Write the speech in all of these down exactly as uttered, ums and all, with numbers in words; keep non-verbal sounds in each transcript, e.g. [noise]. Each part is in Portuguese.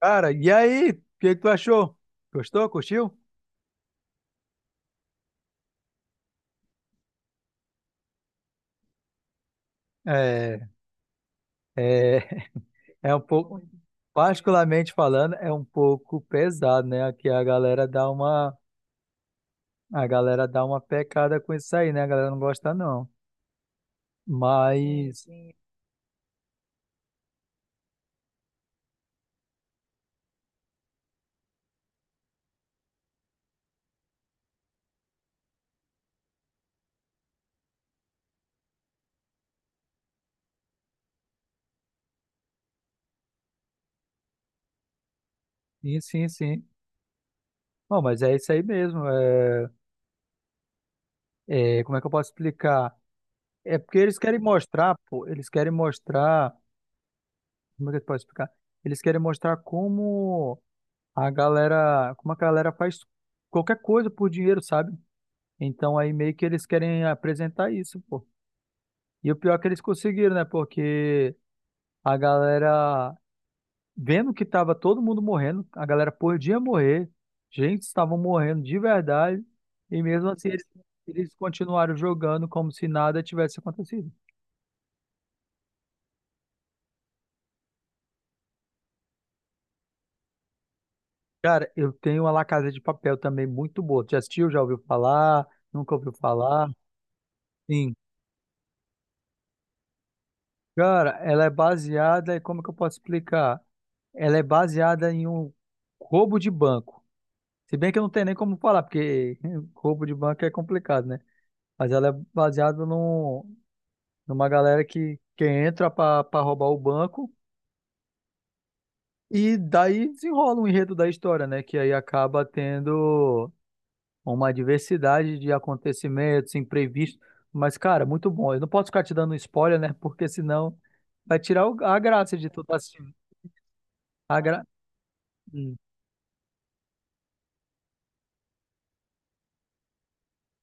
Cara, e aí? O que que tu achou? Gostou? Curtiu? É, é, é um pouco, particularmente falando, é um pouco pesado, né? Aqui a galera dá uma, a galera dá uma pecada com isso aí, né? A galera não gosta não. Mas, sim. Sim, sim, sim. Bom, mas é isso aí mesmo. É, é, como é que eu posso explicar? É porque eles querem mostrar, pô, eles querem mostrar, como é que eu posso explicar? Eles querem mostrar como A galera, como a galera faz qualquer coisa por dinheiro, sabe? Então aí meio que eles querem apresentar isso, pô. E o pior é que eles conseguiram, né? Porque a galera, vendo que tava todo mundo morrendo, a galera podia morrer, gente, estavam morrendo de verdade, e mesmo assim eles, eles continuaram jogando como se nada tivesse acontecido. Cara, eu tenho uma La Casa de Papel também muito boa. Já assistiu? Já ouviu falar? Nunca ouviu falar? Sim. Cara, ela é baseada, e como que eu posso explicar? Ela é baseada em um roubo de banco. Se bem que eu não tenho nem como falar, porque [laughs] roubo de banco é complicado, né? Mas ela é baseada num, numa galera que, que entra pra pra roubar o banco e daí desenrola um enredo da história, né? Que aí acaba tendo uma diversidade de acontecimentos imprevistos. Mas, cara, muito bom. Eu não posso ficar te dando spoiler, né? Porque senão vai tirar o- a graça de tu estar assistindo. A gra... hum.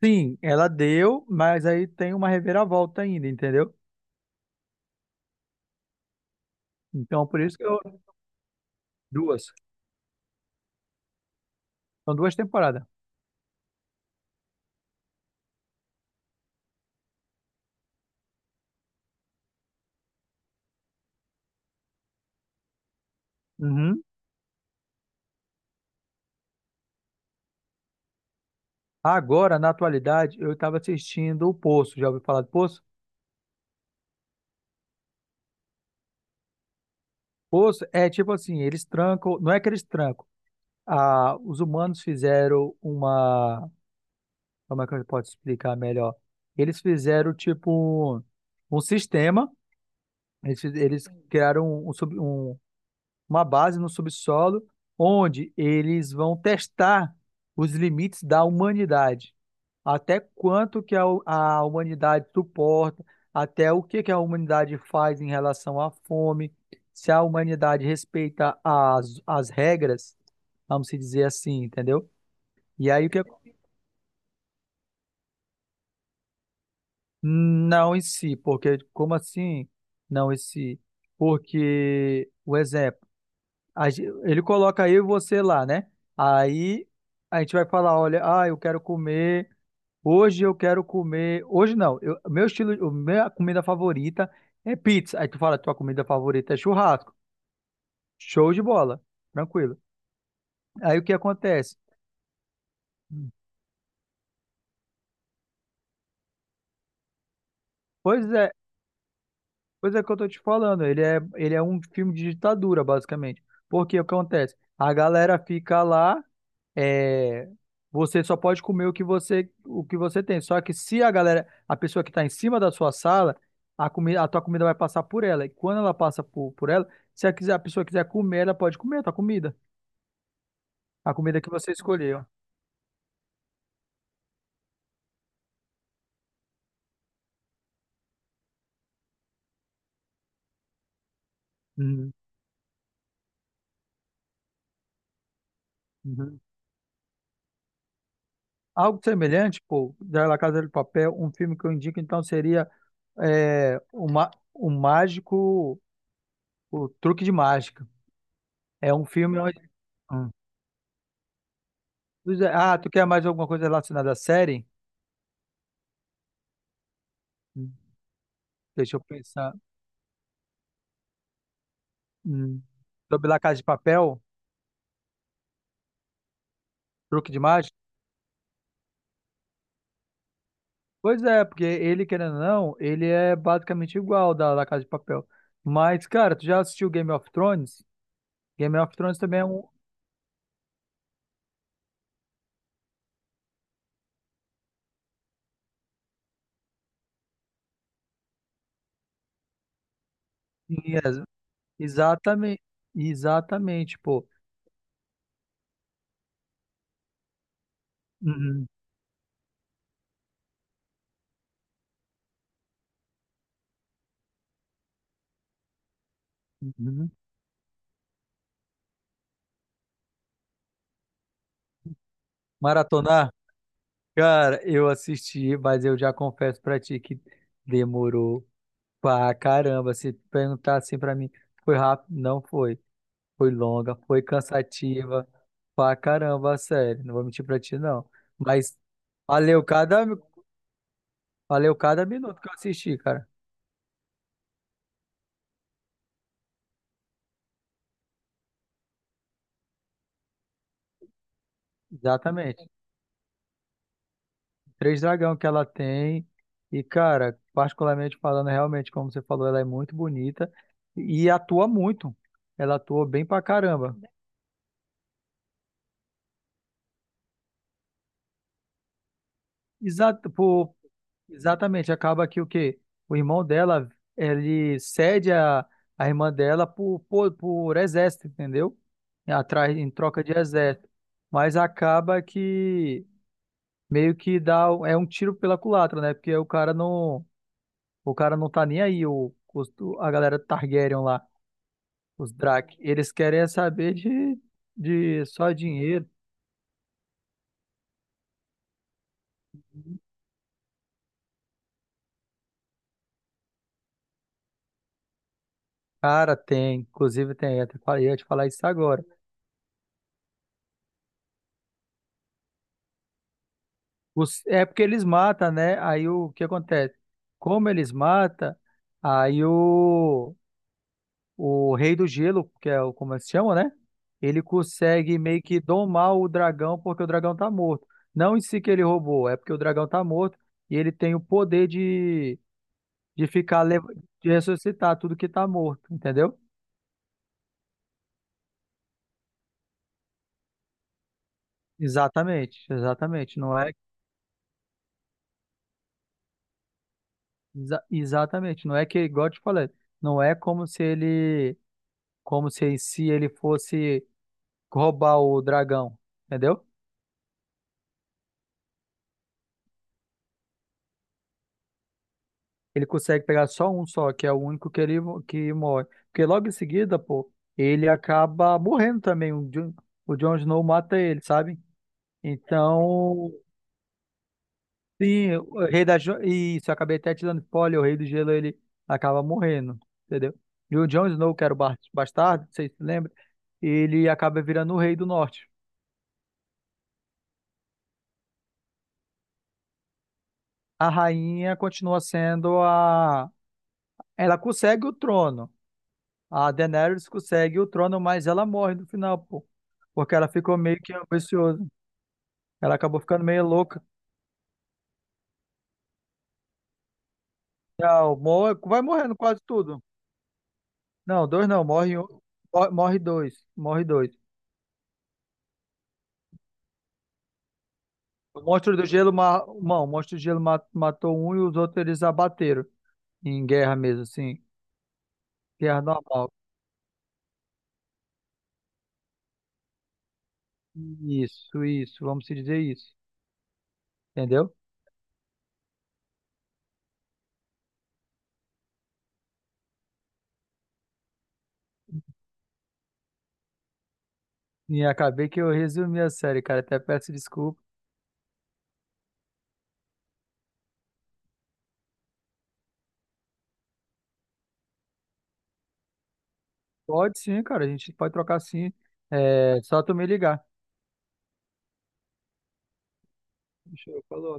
Sim, ela deu, mas aí tem uma reviravolta ainda, entendeu? Então, por isso que eu. Duas. São duas temporadas. Uhum. Agora, na atualidade, eu estava assistindo o Poço. Já ouviu falar do Poço? Poço é tipo assim: eles trancam. Não é que eles trancam. Ah, os humanos fizeram uma. Como é que eu posso explicar melhor? Eles fizeram tipo um, um sistema. Eles, fiz- eles criaram um, um, sub- um uma base no subsolo, onde eles vão testar os limites da humanidade. Até quanto que a, hu- a humanidade suporta, até o que que a humanidade faz em relação à fome, se a humanidade respeita as, as regras, vamos se dizer assim, entendeu? E aí o que... Não em si, porque como assim não em si? Porque, o exemplo, a ge- ele coloca eu e você lá, né? Aí a gente vai falar, olha, ah, eu quero comer, hoje eu quero comer, hoje não, eu, meu estilo, o- minha comida favorita é pizza. Aí tu fala, tua comida favorita é churrasco. Show de bola, tranquilo. Aí o que acontece? Pois é, Pois é que eu tô te falando, ele é, ele é um filme de ditadura, basicamente. Porque o que acontece? A galera fica lá, é, você só pode comer o que você, o que você tem. Só que se a galera, a pessoa que está em cima da sua sala, a comida, a tua comida vai passar por ela. E quando ela passa por, por ela, se a, quiser, a pessoa quiser comer, ela pode comer a tua comida. A comida que você escolheu. Uhum, uhum. Algo semelhante, pô, da La Casa de Papel, um filme que eu indico, então, seria é, o Ma- o Mágico. O Truque de Mágica. É um filme onde. Hum. Pois é. Ah, tu quer mais alguma coisa relacionada à série? Hum, Deixa eu pensar. Hum. Sobre La Casa de Papel, Truque de Mágica? Pois é, porque ele, querendo ou não, ele é basicamente igual da La Casa de Papel. Mas, cara, tu já assistiu Game of Thrones? Game of Thrones também é um. Yes. Exatamente. Exatamente, pô. Uhum, uhum. Maratonar? Cara, eu assisti, mas eu já confesso pra ti que demorou. Pá, caramba, se perguntar assim pra mim, foi rápido? Não foi. Foi longa, foi cansativa. Pá, caramba, sério, não vou mentir pra ti, não. Mas valeu cada, valeu cada minuto que eu assisti, cara. Exatamente. Três dragão que ela tem. E, cara, particularmente falando, realmente, como você falou, ela é muito bonita e atua muito. Ela atua bem pra caramba. Exato, pô, exatamente. Acaba que o quê? O irmão dela, ele cede a, a irmã dela por, por, por exército, entendeu? Atrás, em troca de exército. Mas acaba que meio que dá, é um tiro pela culatra, né? Porque o cara não, o cara não tá nem aí, o, os- a galera Targaryen lá, os Drak. Eles querem é saber de, de só dinheiro. Cara, tem, inclusive tem, eu ia te falar isso agora. Os- é porque eles matam, né? Aí o que acontece? Como eles matam, aí o, o Rei do Gelo, que é o como eles chamam, né? Ele consegue meio que domar o dragão porque o dragão tá morto. Não em si que ele roubou, é porque o dragão tá morto e ele tem o poder de, de ficar, lev- de ressuscitar tudo que tá morto, entendeu? Exatamente, exatamente. Não é exa- exatamente, não é que, igual eu te falei, não é como se ele, como se em si ele fosse roubar o dragão, entendeu? Ele consegue pegar só um só, que é o único que ele mo- que morre. Porque logo em seguida, pô, ele acaba morrendo também. O Jon, o Jon Snow mata ele, sabe? Então, sim, o rei da jo- isso, eu acabei até te dando spoiler, o rei do gelo ele acaba morrendo, entendeu? E o Jon Snow, que era o bar- bastardo, vocês se lembram? Ele acaba virando o rei do norte. A rainha continua sendo a. Ela consegue o trono. A Daenerys consegue o trono, mas ela morre no final, pô. Porque ela ficou meio que ambiciosa. Ela acabou ficando meio louca. Não, morre, vai morrendo quase tudo. Não, dois não, morre um, mor- morre dois, morre dois. O monstro do gelo, ma- não, o monstro do gelo ma- matou um e os outros eles abateram em guerra mesmo, assim, guerra normal. Isso, isso, vamos se dizer isso, entendeu? E acabei que eu resumi a série, cara, até peço desculpa. Pode sim, cara, a gente pode trocar sim, é só tu me ligar. Fechou, falou.